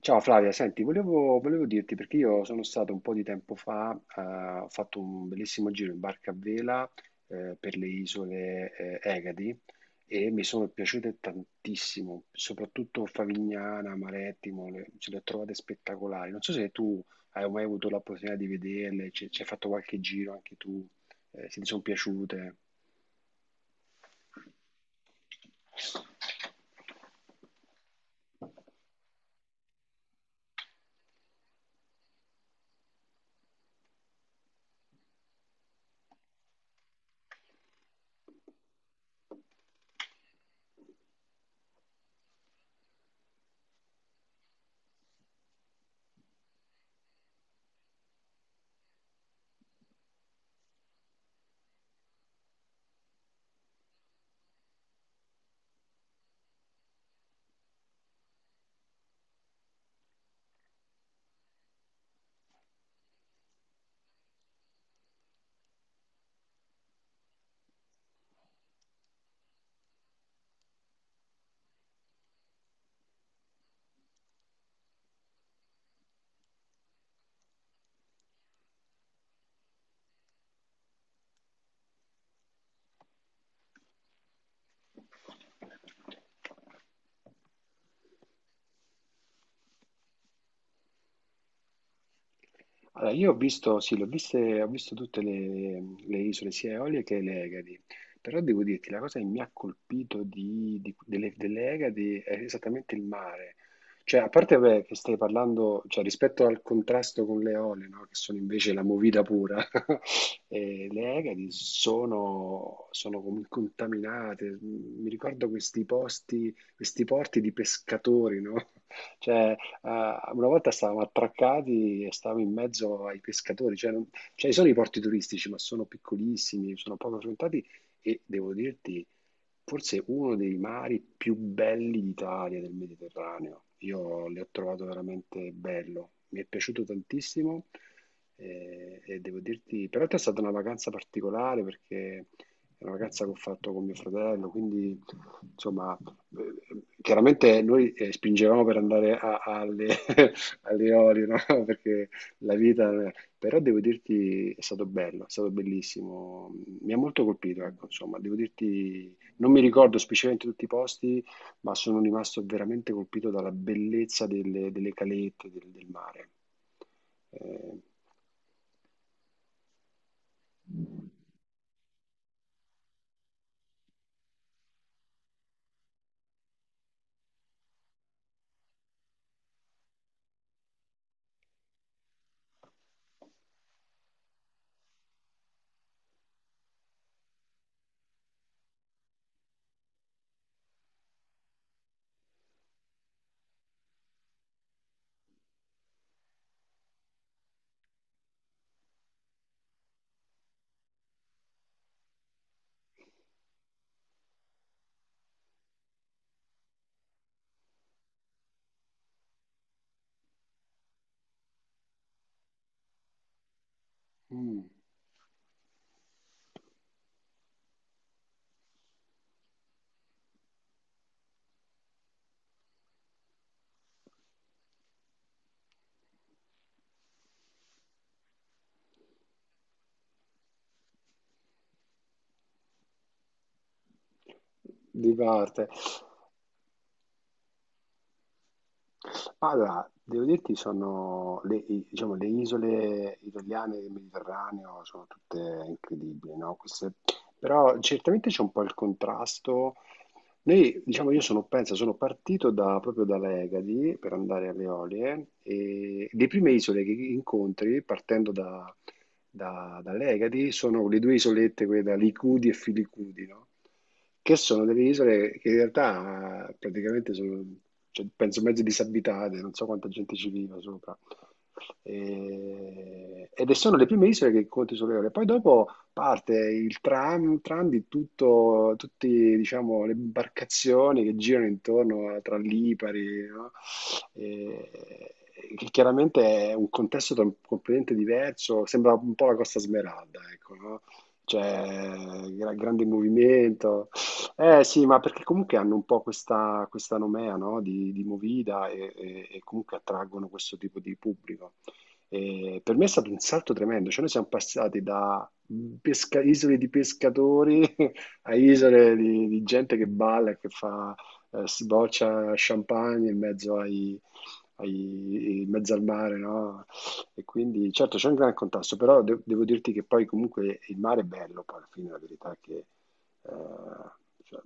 Ciao Flavia, senti, volevo dirti perché io sono stato un po' di tempo fa, ho fatto un bellissimo giro in barca a vela per le isole Egadi e mi sono piaciute tantissimo, soprattutto Favignana, Marettimo, le, ce le ho trovate spettacolari. Non so se tu hai mai avuto l'opportunità di vederle, ci hai fatto qualche giro anche tu, se ti sono piaciute. Allora, io ho visto, sì, ho visto tutte le isole, sia Eolie che le Egadi, però devo dirti, la cosa che mi ha colpito delle, delle Egadi è esattamente il mare. Cioè, a parte vabbè, che stai parlando, cioè, rispetto al contrasto con le Eolie, no, che sono invece la movida pura. Eh, le Egadi sono, contaminate. Mi ricordo questi posti, questi porti di pescatori, no? Cioè, eh, una volta stavamo attraccati e stavamo in mezzo ai pescatori, cioè, cioè ci sono i porti turistici, ma sono piccolissimi, sono poco frequentati e devo dirti, forse uno dei mari più belli d'Italia, del Mediterraneo. Io l'ho trovato veramente bello, mi è piaciuto tantissimo. Eh, e devo dirti, però è stata una vacanza particolare perché è una vacanza che ho fatto con mio fratello, quindi insomma chiaramente noi spingevamo per andare alle, alle Orio, no? Perché la vita, però devo dirti è stato bello, è stato bellissimo, mi ha molto colpito, ecco, insomma, devo dirti, non mi ricordo specificamente tutti i posti, ma sono rimasto veramente colpito dalla bellezza delle, delle calette, del, del mare. Eh, mm. Di parte. Allora, devo dirti, sono le, diciamo, le isole italiane del Mediterraneo sono tutte incredibili, no? Queste... però certamente c'è un po' il contrasto. Noi, diciamo, io sono, penso, sono partito proprio dalle Egadi per andare alle Eolie e le prime isole che incontri partendo dall'Egadi, sono le due isolette, quelle da Licudi e Filicudi, no? Che sono delle isole che in realtà praticamente sono, cioè, penso, mezzo disabitate, non so quanta gente ci viva sopra. Ed sono le prime isole che conti sulle ore. Poi dopo parte il tram, tram di tutto, tutte diciamo, le imbarcazioni che girano intorno tra Lipari, no? Eh, che chiaramente è un contesto completamente diverso, sembra un po' la Costa Smeralda, ecco, no? Cioè, grande movimento. Eh sì, ma perché comunque hanno un po' questa nomea, no? Di movida e comunque attraggono questo tipo di pubblico. E per me è stato un salto tremendo, cioè noi siamo passati da isole di pescatori a isole di gente che balla e che fa sboccia champagne in mezzo ai, in mezzo al mare, no? E quindi certo c'è un gran contrasto, però devo dirti che poi comunque il mare è bello, poi alla fine la verità è che eh, cioè,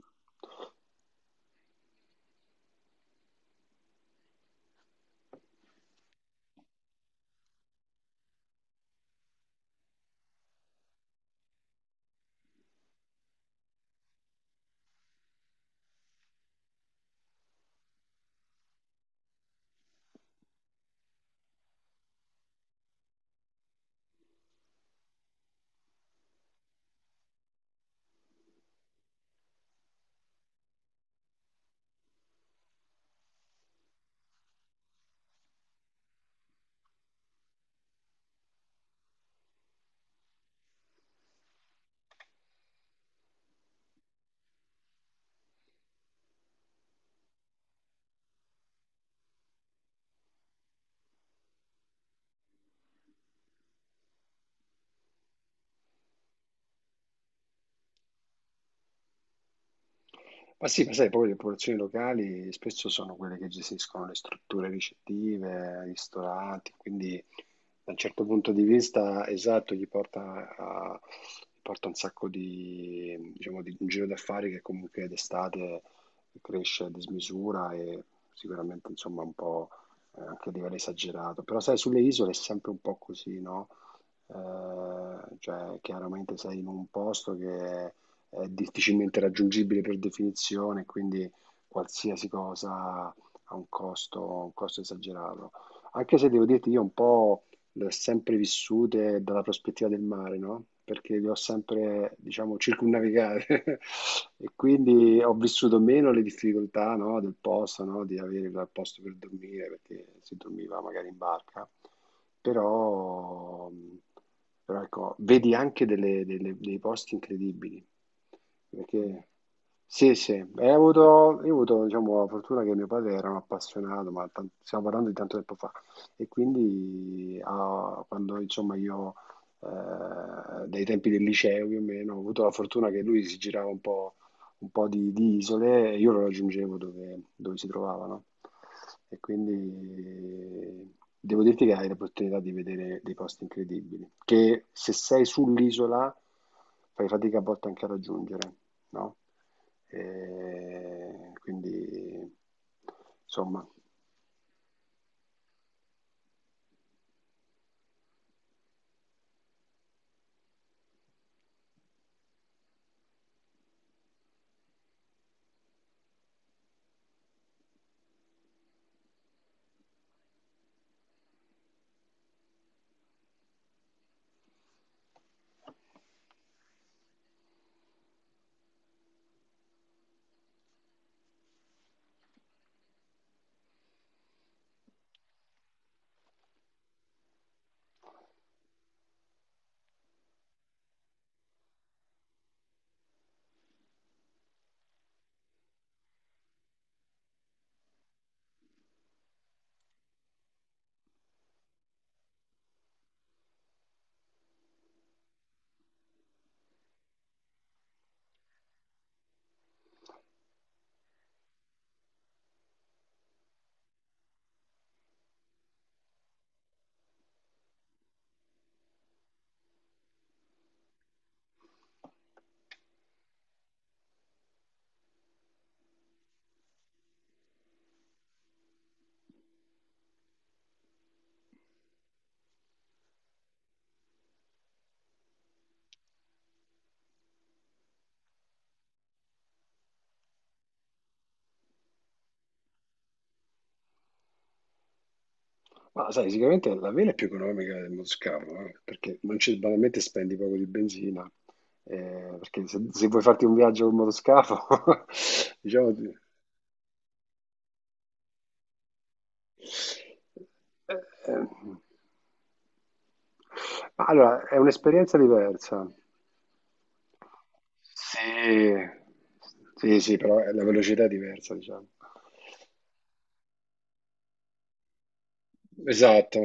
ma sì, ma sai, poi le popolazioni locali spesso sono quelle che gestiscono le strutture ricettive, i ristoranti, quindi da un certo punto di vista, esatto, gli porta, gli porta un sacco di, diciamo, di un giro d'affari che comunque d'estate cresce a dismisura e sicuramente, insomma, un po' anche a livello esagerato. Però sai, sulle isole è sempre un po' così, no? Cioè, chiaramente sei in un posto che è difficilmente raggiungibile per definizione, quindi qualsiasi cosa ha un costo esagerato. Anche se devo dirti, io un po' le ho sempre vissute dalla prospettiva del mare, no? Perché le ho sempre, diciamo, circumnavigate, e quindi ho vissuto meno le difficoltà, no, del posto, no? Di avere il posto per dormire, perché si dormiva magari in barca, però, però ecco, vedi anche dei posti incredibili, perché... Sì, sì, e ho avuto, io ho avuto, diciamo, la fortuna che mio padre era un appassionato, ma stiamo parlando di tanto tempo fa, e quindi ah, quando insomma io, dai tempi del liceo più o meno, ho avuto la fortuna che lui si girava un po' di isole e io lo raggiungevo dove, dove si trovavano. E quindi devo dirti che hai l'opportunità di vedere dei posti incredibili, che se sei sull'isola fai fatica a volte anche a raggiungere, no? E quindi, insomma, ma sai, sicuramente la vela è più economica del moscardo, perché non c'è, banalmente spendi poco di benzina, perché se, se vuoi farti un viaggio con motoscafo. Diciamo... eh, eh. Ma allora, è un'esperienza diversa. Sì, sì, sì, però la velocità è diversa, diciamo. Esatto,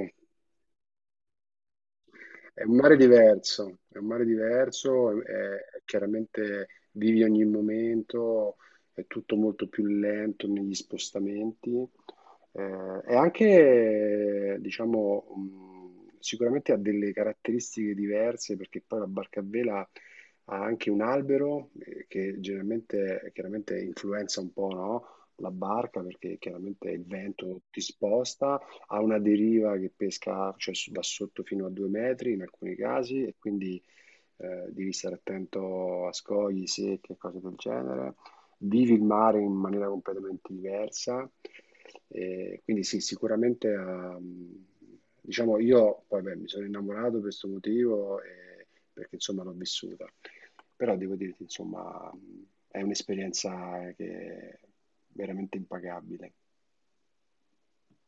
è un mare diverso, è un mare diverso, chiaramente vivi ogni momento, è tutto molto più lento negli spostamenti, e anche, diciamo, sicuramente ha delle caratteristiche diverse perché poi la barca a vela ha anche un albero che generalmente, chiaramente influenza un po', no? La barca perché chiaramente il vento ti sposta, ha una deriva che pesca, cioè, da sotto fino a 2 metri in alcuni casi e quindi devi stare attento a scogli, secche e cose del genere. Vivi il mare in maniera completamente diversa. E quindi sì, sicuramente ha, diciamo io poi beh, mi sono innamorato per questo motivo perché insomma l'ho vissuta. Però devo dirti, insomma, è un'esperienza che è veramente impagabile.